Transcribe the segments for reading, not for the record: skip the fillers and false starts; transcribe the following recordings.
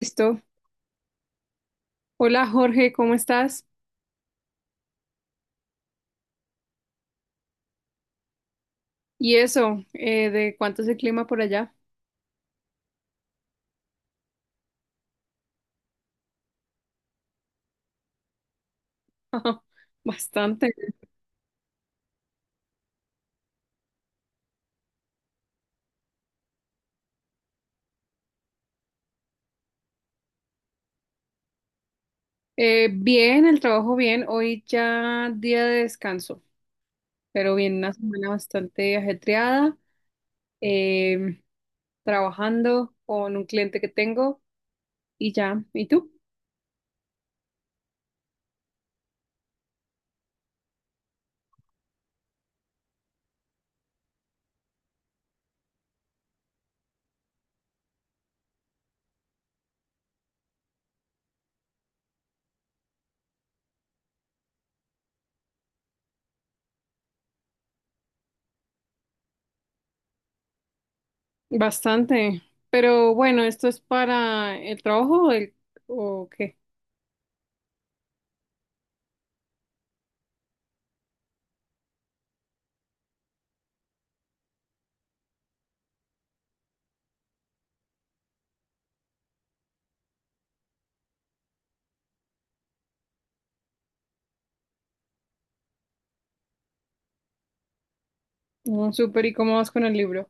Listo. Hola Jorge, ¿cómo estás? Y eso, ¿de cuánto es el clima por allá? Bastante. Bien, el trabajo bien. Hoy ya día de descanso, pero bien, una semana bastante ajetreada, eh, trabajando con un cliente que tengo y ya. ¿Y tú? Bastante. Pero bueno, ¿esto es para el trabajo o, o qué? No, súper. ¿Y cómo vas con el libro?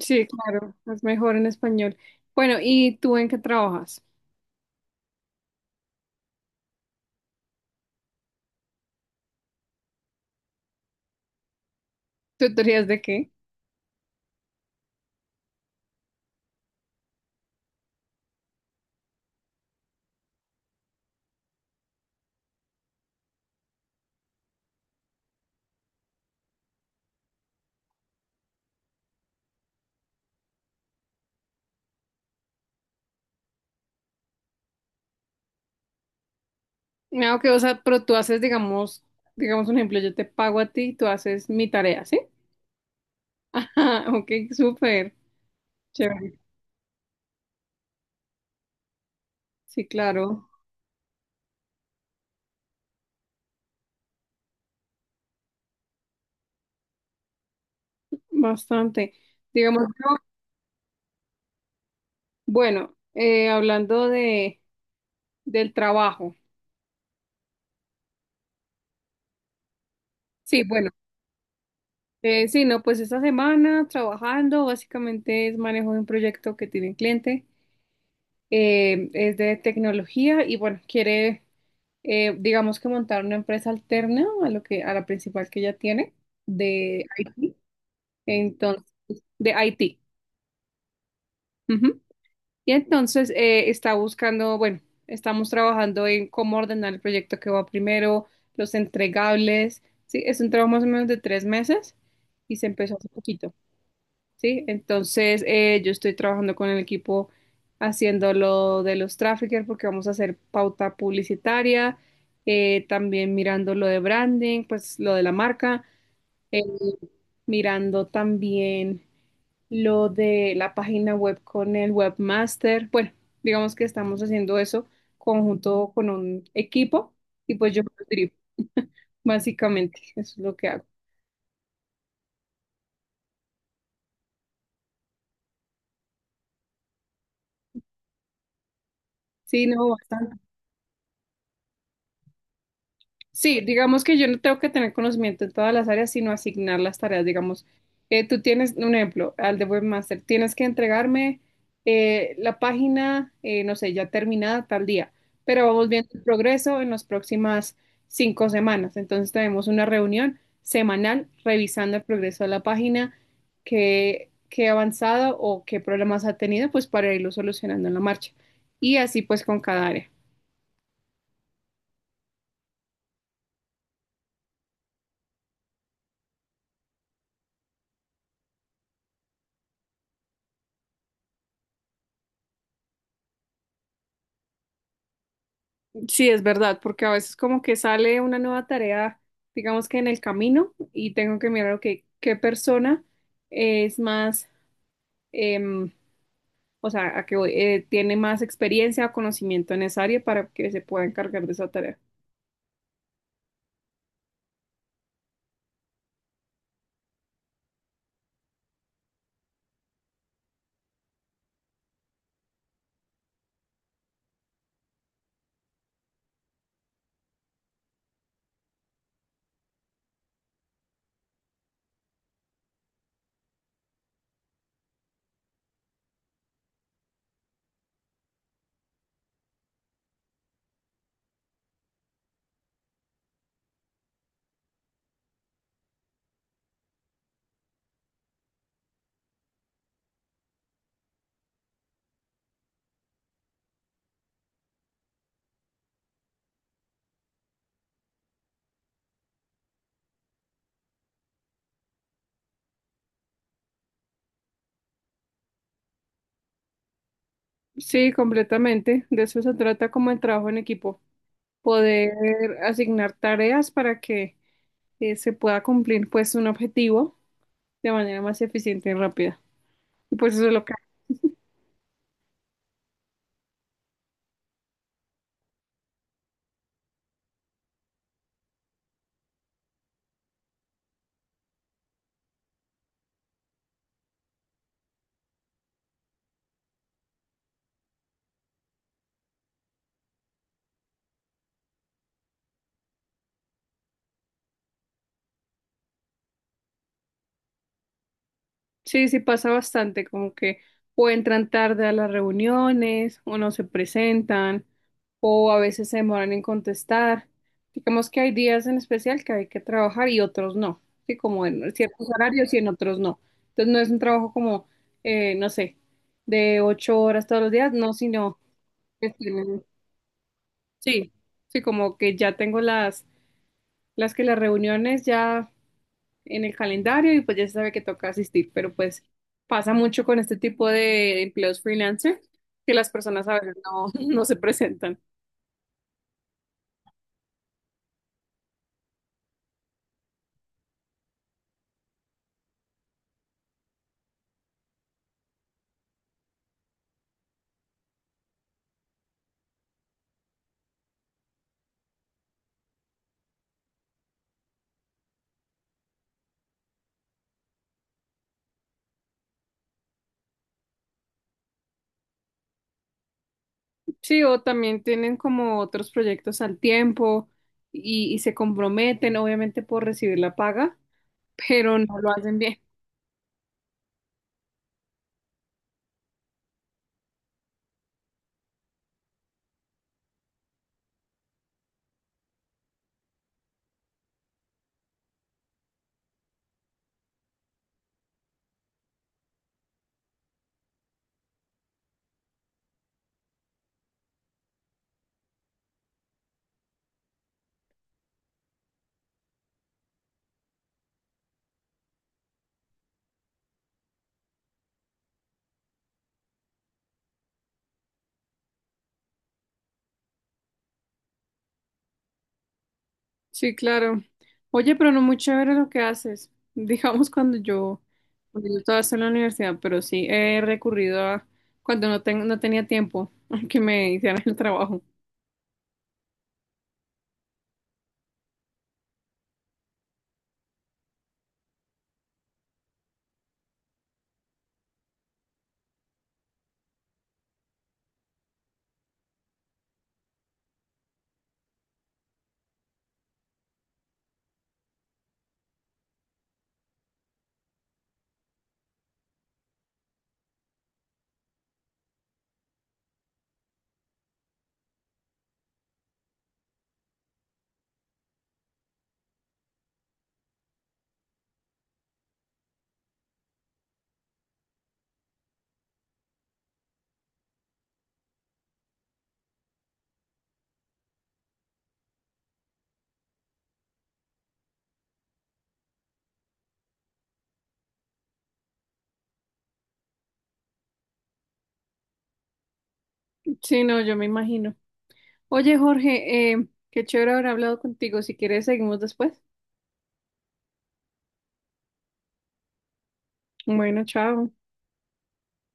Sí, claro, es mejor en español. Bueno, ¿y tú en qué trabajas? ¿Tutorías de qué? No, que, o sea, pero tú haces, digamos un ejemplo, yo te pago a ti y tú haces mi tarea, ¿sí? Ah, ok, súper, chévere. Sí, claro, bastante. Digamos, bueno, hablando de, del trabajo. Sí, bueno, sí, no, pues esta semana trabajando, básicamente es manejo de un proyecto que tiene un cliente, es de tecnología y bueno, quiere digamos que montar una empresa alterna a lo que, a la principal que ella tiene de IT. Entonces, de IT. Ujú. Y entonces está buscando, bueno, estamos trabajando en cómo ordenar el proyecto que va primero, los entregables. Sí, es un trabajo más o menos de 3 meses y se empezó hace poquito. Sí, entonces yo estoy trabajando con el equipo haciendo lo de los traffickers porque vamos a hacer pauta publicitaria, también mirando lo de branding, pues lo de la marca, eh, mirando también lo de la página web con el webmaster. Bueno, digamos que estamos haciendo eso conjunto con un equipo y pues yo lo dirijo, básicamente, eso es lo que hago. Sí, no, bastante. Sí, digamos que yo no tengo que tener conocimiento en todas las áreas, sino asignar las tareas. Digamos, tú tienes un ejemplo al de webmaster, tienes que entregarme la página, no sé, ya terminada tal día, pero vamos viendo el progreso en las próximas 5 semanas. Entonces tenemos una reunión semanal revisando el progreso de la página, qué ha avanzado o qué problemas ha tenido, pues para irlo solucionando en la marcha. Y así pues con cada área. Sí, es verdad, porque a veces como que sale una nueva tarea, digamos que en el camino, y tengo que mirar, ok, qué persona es más, em, o sea, a que voy, tiene más experiencia o conocimiento en esa área para que se pueda encargar de esa tarea. Sí, completamente. De eso se trata como el trabajo en equipo, poder asignar tareas para que se pueda cumplir pues un objetivo de manera más eficiente y rápida. Y pues eso es lo que sí, sí pasa bastante, como que o entran tarde a las reuniones, o no se presentan, o a veces se demoran en contestar. Digamos que hay días en especial que hay que trabajar y otros no, sí, como en ciertos horarios y en otros no. Entonces no es un trabajo como, no sé, de 8 horas todos los días, no, sino que sí, sí, como que ya tengo las que las reuniones ya en el calendario y pues ya se sabe que toca asistir, pero pues pasa mucho con este tipo de empleos freelancer que las personas a veces no, no se presentan. Sí, o también tienen como otros proyectos al tiempo y se comprometen obviamente por recibir la paga, pero no lo hacen bien. Sí, claro. Oye, pero no muy chévere lo que haces. Digamos cuando yo estaba en la universidad, pero sí he recurrido a cuando no, no tenía tiempo que me hicieran el trabajo. Sí, no, yo me imagino. Oye, Jorge, qué chévere haber hablado contigo. Si quieres, seguimos después. Bueno, chao.